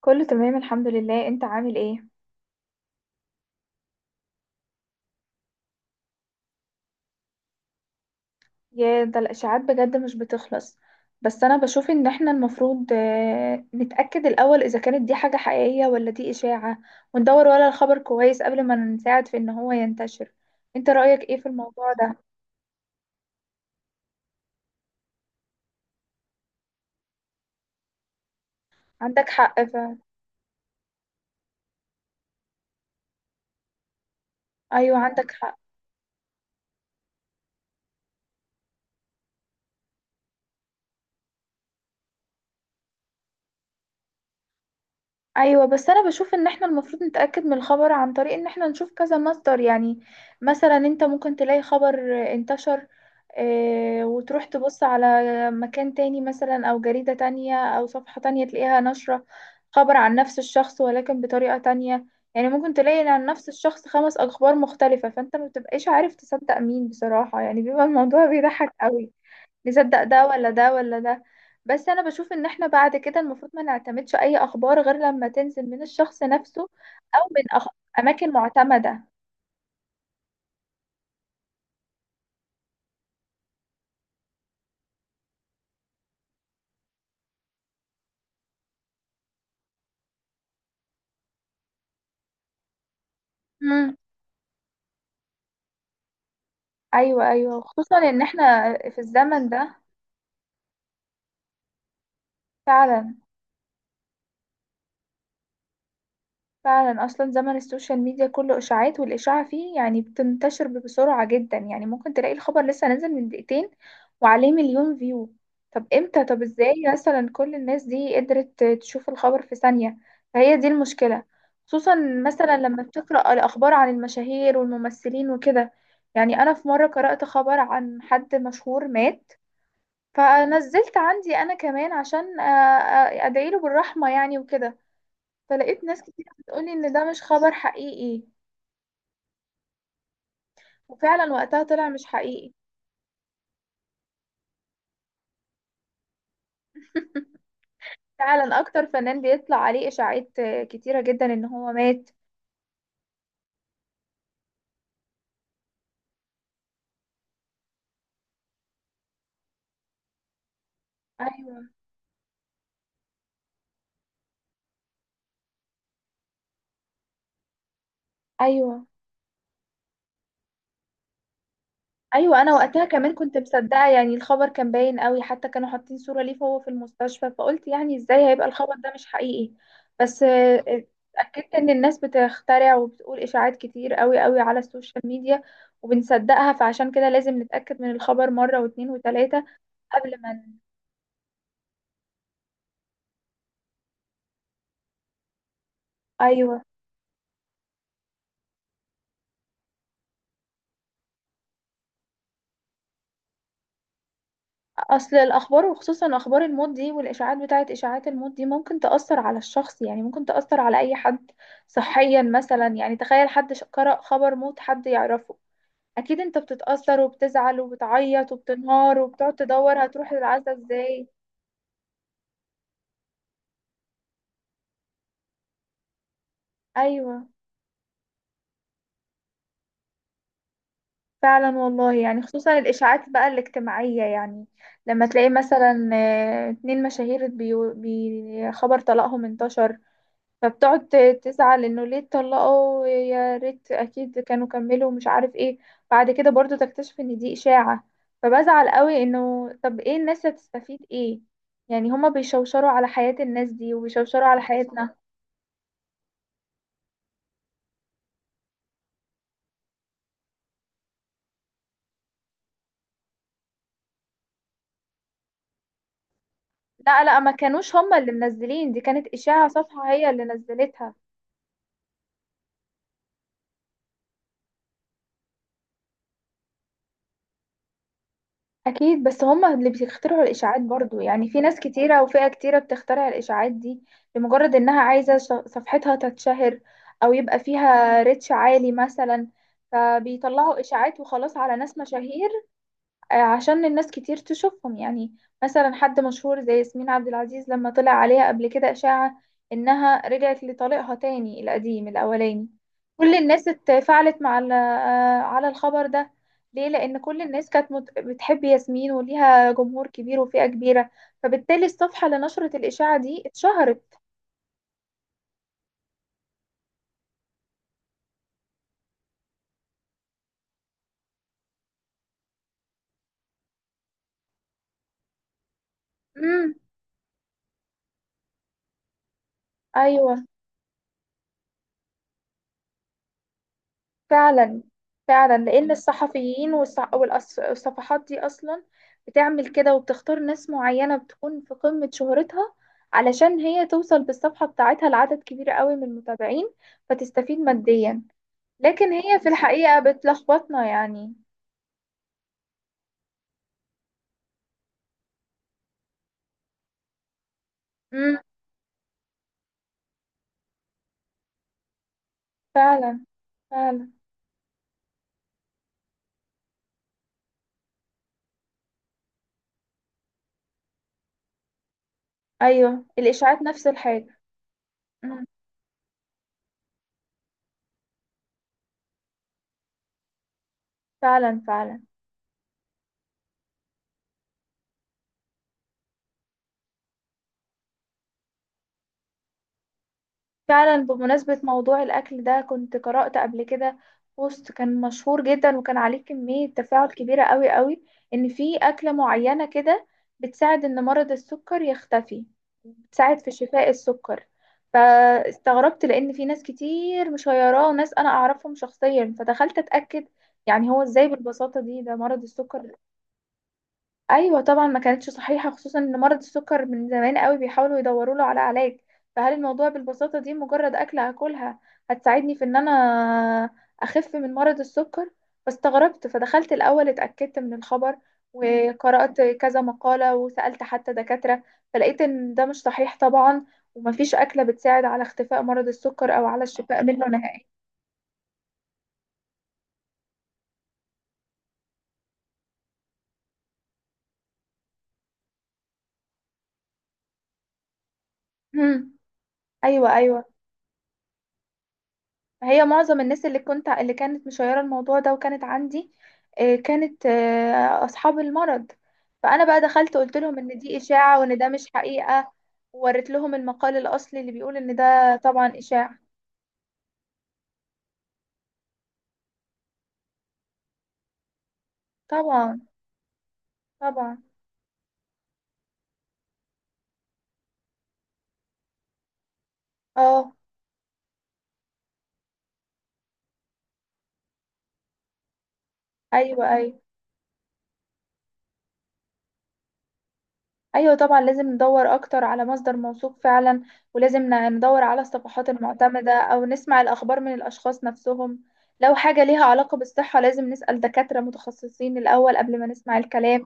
كله تمام الحمد لله، انت عامل ايه؟ يا ده الاشاعات بجد مش بتخلص. بس انا بشوف ان احنا المفروض نتأكد الاول اذا كانت دي حاجة حقيقية ولا دي اشاعة، وندور ورا الخبر كويس قبل ما نساعد في ان هو ينتشر. انت رأيك ايه في الموضوع ده؟ عندك حق فعلا. ايوه عندك حق. ايوه، بس انا بشوف ان احنا المفروض نتاكد من الخبر عن طريق ان احنا نشوف كذا مصدر يعني. مثلا انت ممكن تلاقي خبر انتشر، وتروح تبص على مكان تاني مثلا او جريدة تانية او صفحة تانية تلاقيها نشرة خبر عن نفس الشخص ولكن بطريقة تانية. يعني ممكن تلاقي عن نفس الشخص خمس اخبار مختلفة، فانت ما بتبقاش عارف تصدق مين بصراحة، يعني بيبقى الموضوع بيضحك قوي. نصدق ده ولا ده ولا ده؟ بس انا بشوف ان احنا بعد كده المفروض ما نعتمدش اي اخبار غير لما تنزل من الشخص نفسه، او من أخ... اماكن معتمدة. امم. ايوه ايوه، خصوصا ان احنا في الزمن ده. فعلا. فعلا، اصلا زمن السوشيال ميديا كله اشاعات، والاشاعه فيه يعني بتنتشر بسرعه جدا. يعني ممكن تلاقي الخبر لسه نازل من دقيقتين وعليه مليون فيو. طب امتى؟ طب ازاي مثلا كل الناس دي قدرت تشوف الخبر في ثانيه؟ فهي دي المشكله. خصوصا مثلا لما بتقرا الاخبار عن المشاهير والممثلين وكده، يعني انا في مره قرات خبر عن حد مشهور مات، فنزلت عندي انا كمان عشان ادعيله بالرحمه يعني وكده. فلقيت ناس كتير بتقولي ان ده مش خبر حقيقي، وفعلا وقتها طلع مش حقيقي. فعلا اكتر فنان بيطلع عليه اشاعات كتيرة جدا ان هو مات. ايوه. ايوه. ايوه، انا وقتها كمان كنت مصدقة يعني، الخبر كان باين قوي، حتى كانوا حاطين صورة ليه وهو في المستشفى، فقلت يعني ازاي هيبقى الخبر ده مش حقيقي. بس اتأكدت ان الناس بتخترع وبتقول اشاعات كتير قوي قوي على السوشيال ميديا وبنصدقها، فعشان كده لازم نتأكد من الخبر مرة واتنين وتلاتة قبل ما ن- ايوه. اصل الاخبار وخصوصا اخبار الموت دي، والاشاعات بتاعت اشاعات الموت دي، ممكن تاثر على الشخص، يعني ممكن تاثر على اي حد صحيا مثلا. يعني تخيل حد قرأ خبر موت حد يعرفه، اكيد انت بتتاثر وبتزعل وبتعيط وبتنهار وبتقعد تدور هتروح للعزا ازاي. ايوه فعلا والله، يعني خصوصا الاشاعات بقى الاجتماعيه يعني. لما تلاقي مثلا اتنين مشاهير بي خبر طلاقهم انتشر، فبتقعد تزعل انه ليه اتطلقوا، يا ريت اكيد كانوا كملوا مش عارف ايه. بعد كده برضو تكتشف ان دي اشاعة، فبزعل قوي انه طب ايه الناس هتستفيد ايه. يعني هما بيشوشروا على حياة الناس دي وبيشوشروا على حياتنا. لا لا، ما كانوش هما اللي منزلين، دي كانت اشاعة صفحة هي اللي نزلتها. اكيد، بس هما اللي بيخترعوا الاشاعات برضو يعني، في ناس كتيره وفئه كتيره بتخترع الاشاعات دي لمجرد انها عايزه صفحتها تتشهر، او يبقى فيها ريتش عالي مثلا. فبيطلعوا اشاعات وخلاص على ناس مشاهير عشان الناس كتير تشوفهم يعني. مثلا حد مشهور زي ياسمين عبد العزيز، لما طلع عليها قبل كده إشاعة إنها رجعت لطليقها تاني القديم الأولاني، كل الناس اتفاعلت مع على الخبر ده. ليه؟ لأن كل الناس كانت بتحب ياسمين وليها جمهور كبير وفئة كبيرة، فبالتالي الصفحة لنشرة الإشاعة دي اتشهرت. امم. أيوة. فعلا فعلا، لان الصحفيين والصفحات دي اصلا بتعمل كده وبتختار ناس معينة بتكون في قمة شهرتها علشان هي توصل بالصفحة بتاعتها لعدد كبير قوي من المتابعين فتستفيد ماديا، لكن هي في الحقيقة بتلخبطنا يعني. امم. فعلا. فعلا. ايوه الاشاعات نفس الحاجة. امم. فعلا. فعلا. فعلا بمناسبة موضوع الأكل ده، كنت قرأت قبل كده بوست كان مشهور جدا وكان عليه كمية تفاعل كبيرة قوي قوي إن في أكلة معينة كده بتساعد إن مرض السكر يختفي، بتساعد في شفاء السكر. فاستغربت لأن في ناس كتير مش وناس أنا أعرفهم شخصيا، فدخلت أتأكد. يعني هو إزاي بالبساطة دي ده مرض السكر. ايوه طبعا ما كانتش صحيحه، خصوصا ان مرض السكر من زمان قوي بيحاولوا يدوروا له على علاج. فهل الموضوع بالبساطه دي مجرد اكله هاكلها هتساعدني في ان انا اخف من مرض السكر؟ فاستغربت فدخلت الاول اتاكدت من الخبر، وقرات كذا مقاله وسالت حتى دكاتره، فلقيت ان ده مش صحيح طبعا، ومفيش اكله بتساعد على اختفاء مرض السكر او على الشفاء منه نهائيا. ايوه ايوه. هي معظم الناس اللي كنت اللي كانت مشيرة الموضوع ده وكانت عندي كانت أصحاب المرض، فأنا بقى دخلت قلت لهم إن دي إشاعة وإن ده مش حقيقة، ووريت لهم المقال الأصلي اللي بيقول إن ده طبعا إشاعة. طبعا. طبعا. اه. أيوه أيوه. أيوه طبعا، لازم ندور أكتر على مصدر موثوق فعلا. ولازم ندور على الصفحات المعتمدة أو نسمع الأخبار من الأشخاص نفسهم. لو حاجة ليها علاقة بالصحة لازم نسأل دكاترة متخصصين الأول قبل ما نسمع الكلام.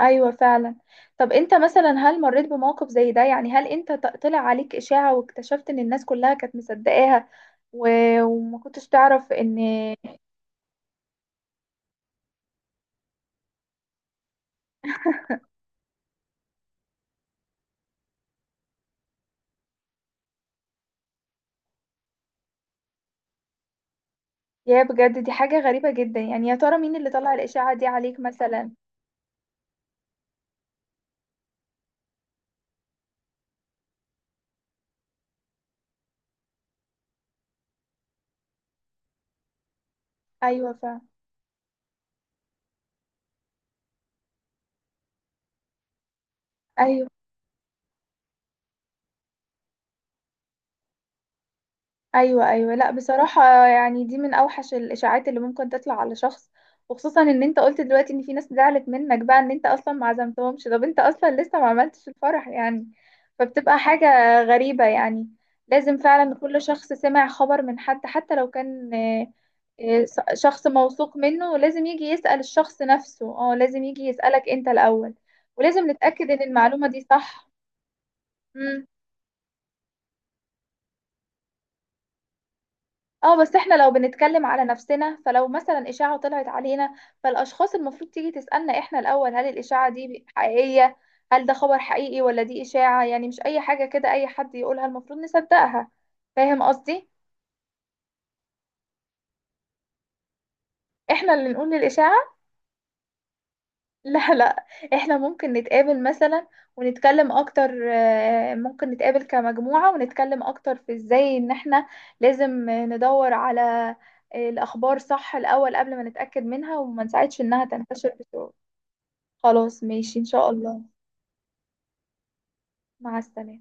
ايوه فعلا. طب انت مثلا هل مريت بموقف زي ده؟ يعني هل انت طلع عليك اشاعة واكتشفت ان الناس كلها كانت مصدقاها و... وما كنتش تعرف ان؟ يا بجد دي حاجة غريبة جدا يعني، يا ترى مين اللي طلع الاشاعة دي عليك مثلا؟ ايوه فعلا. ايوه. ايوه ايوه، لا بصراحه يعني دي من اوحش الاشاعات اللي ممكن تطلع على شخص، وخصوصا ان انت قلت دلوقتي ان في ناس زعلت منك بقى ان انت اصلا ما عزمتهمش، طب انت اصلا لسه ما عملتش الفرح يعني. فبتبقى حاجه غريبه يعني. لازم فعلا كل شخص سمع خبر من حد، حتى لو كان شخص موثوق منه، لازم يجي يسأل الشخص نفسه. اه لازم يجي يسألك انت الاول، ولازم نتأكد ان المعلومه دي صح. اه، بس احنا لو بنتكلم على نفسنا، فلو مثلا اشاعة طلعت علينا، فالاشخاص المفروض تيجي تسألنا احنا الاول هل الاشاعة دي حقيقية، هل ده خبر حقيقي ولا دي اشاعة. يعني مش اي حاجة كده اي حد يقولها المفروض نصدقها. فاهم قصدي؟ احنا اللي نقول للاشاعة. لا لا، احنا ممكن نتقابل مثلا ونتكلم اكتر، ممكن نتقابل كمجموعة ونتكلم اكتر في ازاي ان احنا لازم ندور على الأخبار صح الأول قبل ما نتأكد منها وما نساعدش إنها تنتشر بسرعة. خلاص ماشي إن شاء الله. مع السلامة.